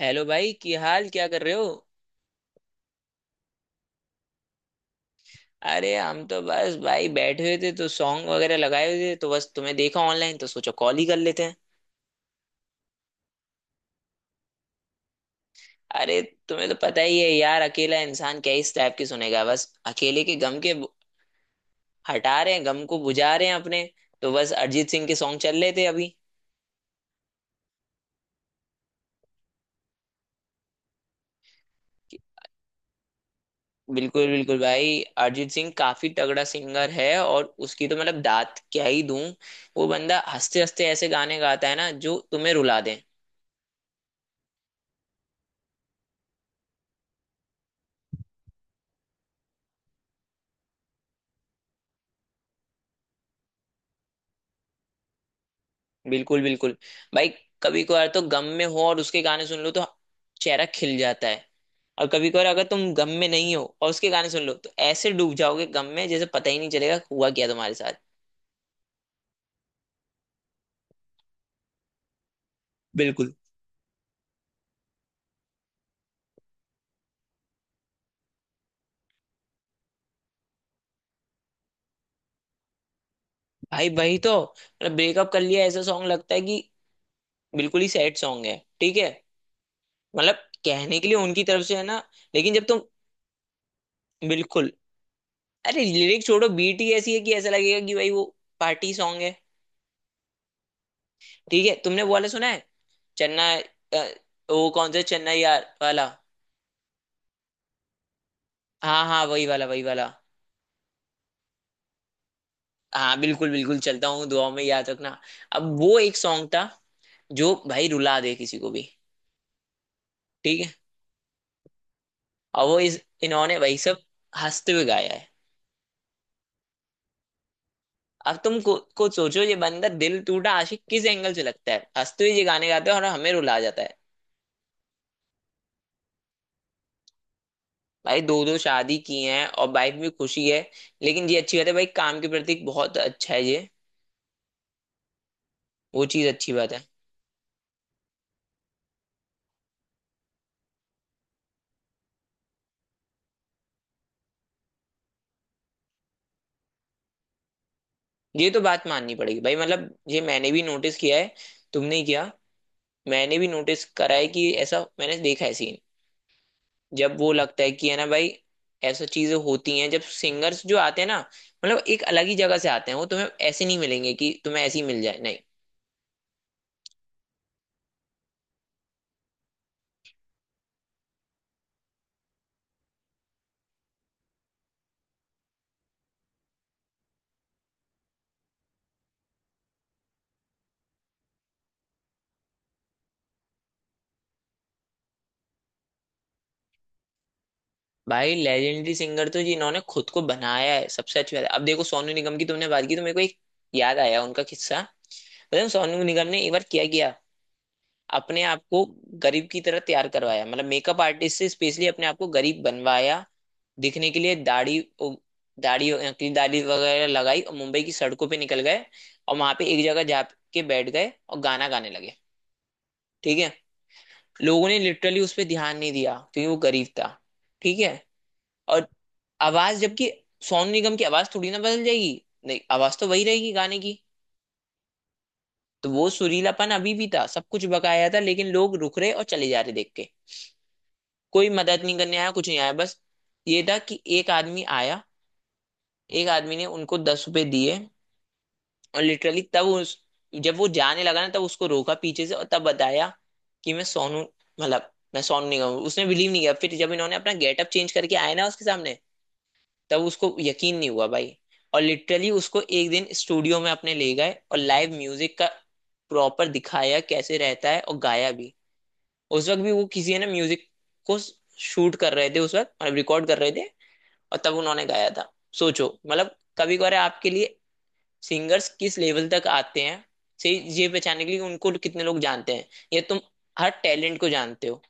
Hello भाई की हाल क्या कर रहे हो। अरे हम तो बस भाई बैठे हुए थे तो सॉन्ग वगैरह लगाए हुए थे तो बस तुम्हें देखा ऑनलाइन तो सोचा कॉल ही कर लेते हैं। अरे तुम्हें तो पता ही है यार अकेला इंसान क्या इस टाइप की सुनेगा बस अकेले के गम के हटा रहे हैं गम को बुझा रहे हैं अपने। तो बस अरिजीत सिंह के सॉन्ग चल रहे थे अभी। बिल्कुल बिल्कुल भाई। अरिजीत सिंह काफी तगड़ा सिंगर है और उसकी तो मतलब दात क्या ही दूं। वो बंदा हंसते हंसते ऐसे गाने गाता है ना जो तुम्हें रुला दे। बिल्कुल बिल्कुल भाई। कभी कभार तो गम में हो और उसके गाने सुन लो तो चेहरा खिल जाता है। और कभी कभार अगर तुम गम में नहीं हो और उसके गाने सुन लो तो ऐसे डूब जाओगे गम में जैसे पता ही नहीं चलेगा हुआ क्या तुम्हारे साथ। बिल्कुल। भाई वही तो मतलब ब्रेकअप कर लिया ऐसा सॉन्ग लगता है कि बिल्कुल ही सैड सॉन्ग है ठीक है। मतलब कहने के लिए उनकी तरफ से है ना, लेकिन जब तुम। बिल्कुल। अरे लिरिक्स छोड़ो बीट ही ऐसी है कि ऐसा लगेगा कि भाई वो पार्टी सॉन्ग है। ठीक है, तुमने वो वाला सुना है? चेन्नई अ, वो कौन सा चेन्नई यार वाला? हाँ हाँ वही वाला वही वाला। हाँ बिल्कुल बिल्कुल, चलता हूँ दुआ में याद रखना। अब वो एक सॉन्ग था जो भाई रुला दे किसी को भी। ठीक है। और वो इस इन्होंने वही सब हंसते हुए गाया है। अब तुम को खुद सोचो ये बंदा दिल टूटा आशिक किस एंगल से लगता है, हंसते हुए ये गाने गाते हैं और हमें रुला जाता है। भाई दो दो शादी की हैं और वाइफ भी खुशी है। लेकिन ये अच्छी बात है, भाई काम के प्रति बहुत अच्छा है ये। वो चीज अच्छी बात है। ये तो बात माननी पड़ेगी भाई, मतलब ये मैंने भी नोटिस किया है। तुमने ही किया, मैंने भी नोटिस करा है कि ऐसा मैंने देखा है सीन। जब वो लगता है कि है ना भाई ऐसा चीजें होती हैं, जब सिंगर्स जो आते हैं ना मतलब एक अलग ही जगह से आते हैं, वो तुम्हें ऐसे नहीं मिलेंगे कि तुम्हें ऐसे ही मिल जाए, नहीं। भाई लेजेंडरी सिंगर तो जिन्होंने खुद को बनाया है सबसे अच्छी बात है। अब देखो सोनू निगम की तुमने बात की तो मेरे को एक याद आया उनका किस्सा, मतलब सोनू निगम ने एक बार क्या किया, अपने आप को गरीब की तरह तैयार करवाया मतलब मेकअप आर्टिस्ट से स्पेशली अपने आप को गरीब बनवाया दिखने के लिए, दाढ़ी दाढ़ी की दाढ़ी वगैरह लगाई और मुंबई की सड़कों पे निकल गए और वहां पे एक जगह जाके बैठ गए और गाना गाने लगे। ठीक है। लोगों ने लिटरली उस पर ध्यान नहीं दिया क्योंकि वो गरीब था। ठीक है। और आवाज, जबकि सोनू निगम की आवाज थोड़ी ना बदल जाएगी, नहीं आवाज तो वही रहेगी गाने की। तो वो सुरीलापन अभी भी था, सब कुछ बकाया था, लेकिन लोग रुक रहे और चले जा रहे देख के, कोई मदद नहीं करने आया कुछ नहीं आया। बस ये था कि एक आदमी आया, एक आदमी ने उनको 10 रुपए दिए। और लिटरली तब उस जब वो जाने लगा ना तब उसको रोका पीछे से और तब बताया कि मैं सोनू मतलब मैं सोनू निगम हूँ। उसने बिलीव नहीं किया, फिर जब इन्होंने अपना गेटअप चेंज करके आए ना उसके सामने तब उसको यकीन नहीं हुआ भाई। और लिटरली उसको एक दिन स्टूडियो में अपने ले गए और लाइव म्यूजिक का प्रॉपर दिखाया कैसे रहता है और गाया भी। उस वक्त भी वो किसी है ना म्यूजिक को शूट कर रहे थे उस वक्त मतलब रिकॉर्ड कर रहे थे, और तब उन्होंने गाया था। सोचो मतलब कभी कभार आपके लिए सिंगर्स किस लेवल तक आते हैं, से ये पहचानने के लिए उनको कितने लोग जानते हैं, या तुम हर टैलेंट को जानते हो?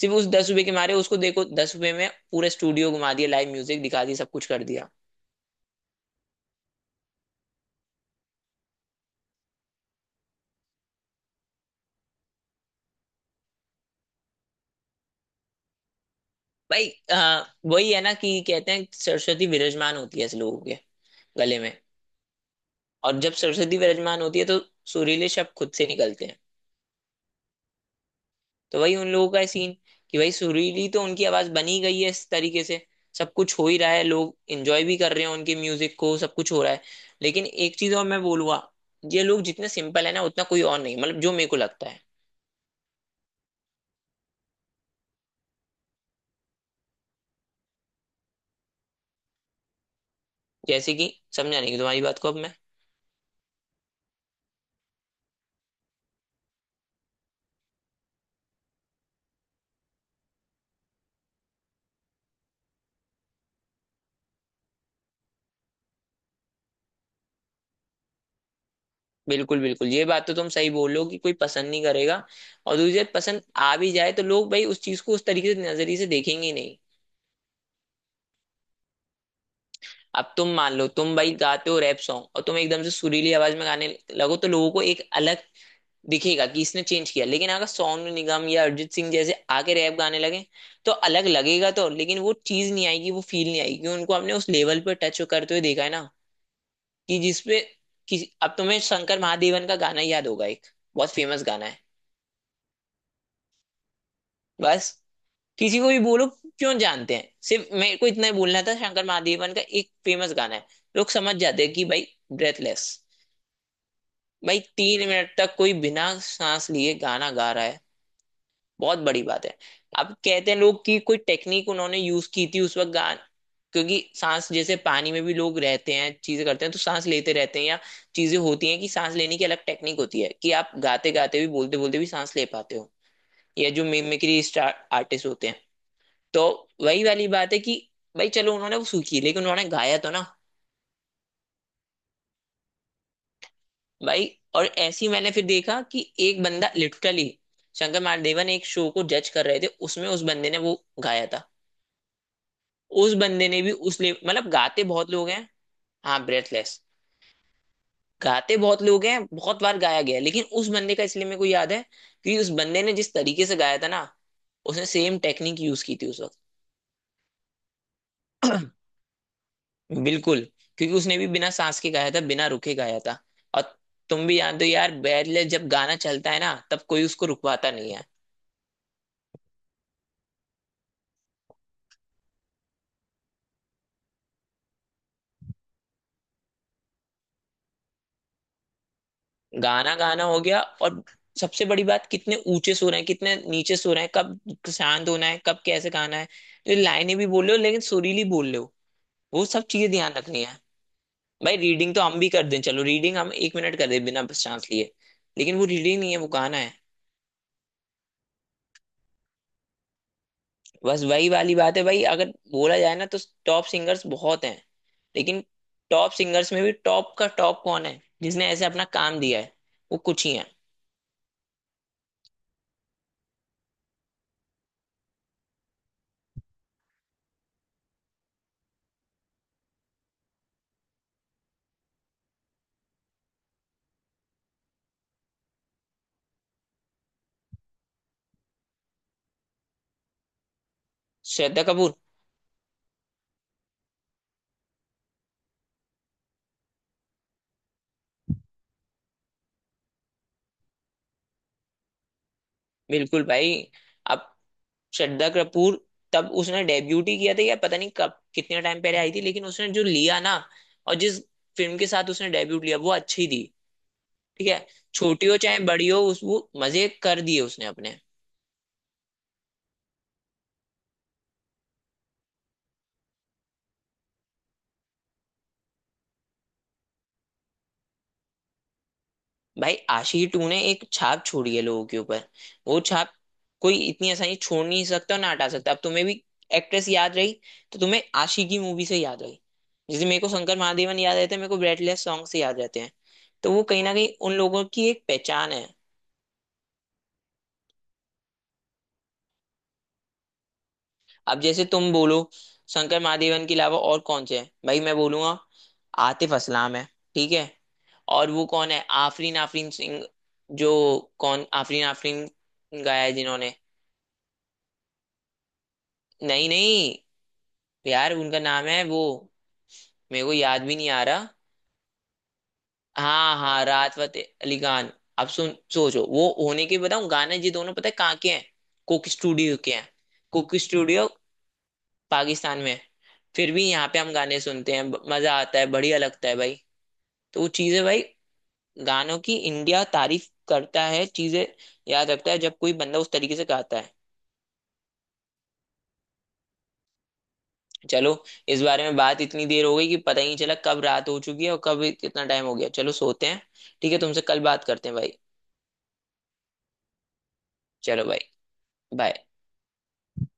सिर्फ उस 10 रुपए के मारे उसको देखो, 10 रुपए में पूरे स्टूडियो घुमा दिया, लाइव म्यूजिक दिखा दिया, सब कुछ कर दिया। भाई वही है ना कि कहते हैं सरस्वती विराजमान होती है ऐसे लोगों के गले में। और जब सरस्वती विराजमान होती है तो सुरीले शब्द खुद से निकलते हैं। तो वही उन लोगों का सीन कि भाई सुरीली तो उनकी आवाज बनी गई है इस तरीके से, सब कुछ हो ही रहा है, लोग एंजॉय भी कर रहे हैं उनके म्यूजिक को, सब कुछ हो रहा है। लेकिन एक चीज और मैं बोलूंगा, ये लोग जितने सिंपल है ना उतना कोई और नहीं, मतलब जो मेरे को लगता है। जैसे कि समझा नहीं तुम्हारी बात को अब मैं। बिल्कुल बिल्कुल, ये बात तो तुम सही बोल रहे हो कि कोई पसंद नहीं करेगा, और दूसरी बात पसंद आ भी जाए तो लोग भाई उस चीज को उस तरीके से नजरिए से देखेंगे ही नहीं। अब तुम मान लो तुम भाई गाते हो रैप सॉन्ग और तुम एकदम से सुरीली आवाज में गाने लगो तो लोगों को एक अलग दिखेगा कि इसने चेंज किया, लेकिन अगर सोनू निगम या अरिजीत सिंह जैसे आके रैप गाने लगे तो अलग लगेगा, तो लेकिन वो चीज नहीं आएगी वो फील नहीं आएगी क्योंकि उनको आपने उस लेवल पे टच करते हुए देखा है ना कि जिसपे, कि अब तुम्हें शंकर महादेवन का गाना याद होगा, एक बहुत फेमस गाना है। बस किसी को भी बोलो, क्यों जानते हैं सिर्फ मेरे को इतना ही बोलना था शंकर महादेवन का एक फेमस गाना है, लोग समझ जाते हैं कि भाई ब्रेथलेस। भाई 3 मिनट तक कोई बिना सांस लिए गाना गा रहा है, बहुत बड़ी बात है। अब कहते हैं लोग कि कोई टेक्निक उन्होंने यूज की थी उस वक्त गान क्योंकि सांस, जैसे पानी में भी लोग रहते हैं चीजें करते हैं तो सांस लेते रहते हैं, या चीजें होती हैं कि सांस लेने की अलग टेक्निक होती है कि आप गाते गाते भी बोलते बोलते भी सांस ले पाते हो, या जो मिमिक्री आर्टिस्ट होते हैं। तो वही वाली बात है कि भाई चलो उन्होंने वो सूखी लेकिन उन्होंने गाया तो ना। भाई और ऐसे ही मैंने फिर देखा कि एक बंदा लिटरली शंकर महादेवन एक शो को जज कर रहे थे उसमें उस बंदे ने वो गाया था। उस बंदे ने भी उस ले मतलब गाते बहुत लोग हैं। हाँ ब्रेथलेस। गाते बहुत लोग हैं, बहुत बार गाया गया है, लेकिन उस बंदे का इसलिए मेरे को याद है कि उस बंदे ने जिस तरीके से गाया था ना, उसने सेम टेक्निक यूज की थी उस वक्त। बिल्कुल। क्योंकि उसने भी बिना सांस के गाया था, बिना रुके गाया था। और तुम भी याद हो यार, बैरले जब गाना चलता है ना तब कोई उसको रुकवाता नहीं है। गाना गाना हो गया, और सबसे बड़ी बात कितने ऊंचे सुर हैं, कितने नीचे सुर हैं, कब शांत होना है, कब कैसे गाना है, तो ये लाइनें भी बोल रहे हो लेकिन सुरीली बोल रहे हो, वो सब चीजें ध्यान रखनी है। भाई रीडिंग तो हम भी कर दें, चलो रीडिंग हम 1 मिनट कर दें बिना सांस लिए, लेकिन वो रीडिंग नहीं है, वो गाना है। बस वही वाली बात है, भाई अगर बोला जाए ना तो टॉप सिंगर्स बहुत हैं, लेकिन टॉप सिंगर्स में भी टॉप का टॉप कौन है जिसने ऐसे अपना काम दिया है, वो कुछ ही है। श्रद्धा कपूर। बिल्कुल भाई। अब श्रद्धा कपूर, तब उसने डेब्यूटी किया था या पता नहीं कब कितने टाइम पहले आई थी, लेकिन उसने जो लिया ना, और जिस फिल्म के साथ उसने डेब्यूट लिया वो अच्छी थी। ठीक है। छोटी हो चाहे बड़ी हो, उस वो मजे कर दिए उसने अपने। भाई आशिकी टू ने एक छाप छोड़ी है लोगों के ऊपर। वो छाप कोई इतनी आसानी से छोड़ नहीं सकता और ना हटा सकता, अब तुम्हें भी एक्ट्रेस याद रही तो तुम्हें आशिकी मूवी से याद रही, जैसे मेरे को शंकर महादेवन याद रहते हैं मेरे को ब्रेटलेस सॉन्ग से याद रहते हैं, तो वो कहीं ना कहीं उन लोगों की एक पहचान है। अब जैसे तुम बोलो, शंकर महादेवन के अलावा और कौन से हैं भाई, मैं बोलूंगा आतिफ असलाम है। ठीक है। और वो कौन है आफरीन आफरीन सिंह, जो, कौन आफरीन आफरीन गाया है जिन्होंने, नहीं नहीं यार उनका नाम है वो मेरे को याद भी नहीं आ रहा। हाँ हाँ राहत फतेह अली खान। अब सुन, सोचो वो होने के बताऊं गाने ये दोनों पता है कहाँ के हैं, कुक स्टूडियो के हैं। कुक स्टूडियो पाकिस्तान में है। फिर भी यहाँ पे हम गाने सुनते हैं, मजा आता है, बढ़िया लगता है भाई। तो वो चीजें भाई गानों की, इंडिया तारीफ करता है चीजें, याद रखता है जब कोई बंदा उस तरीके से गाता है। चलो, इस बारे में बात इतनी देर हो गई कि पता ही नहीं चला कब रात हो चुकी है और कब कितना टाइम हो गया, चलो सोते हैं। ठीक है, तुमसे कल बात करते हैं भाई। चलो भाई। बाय।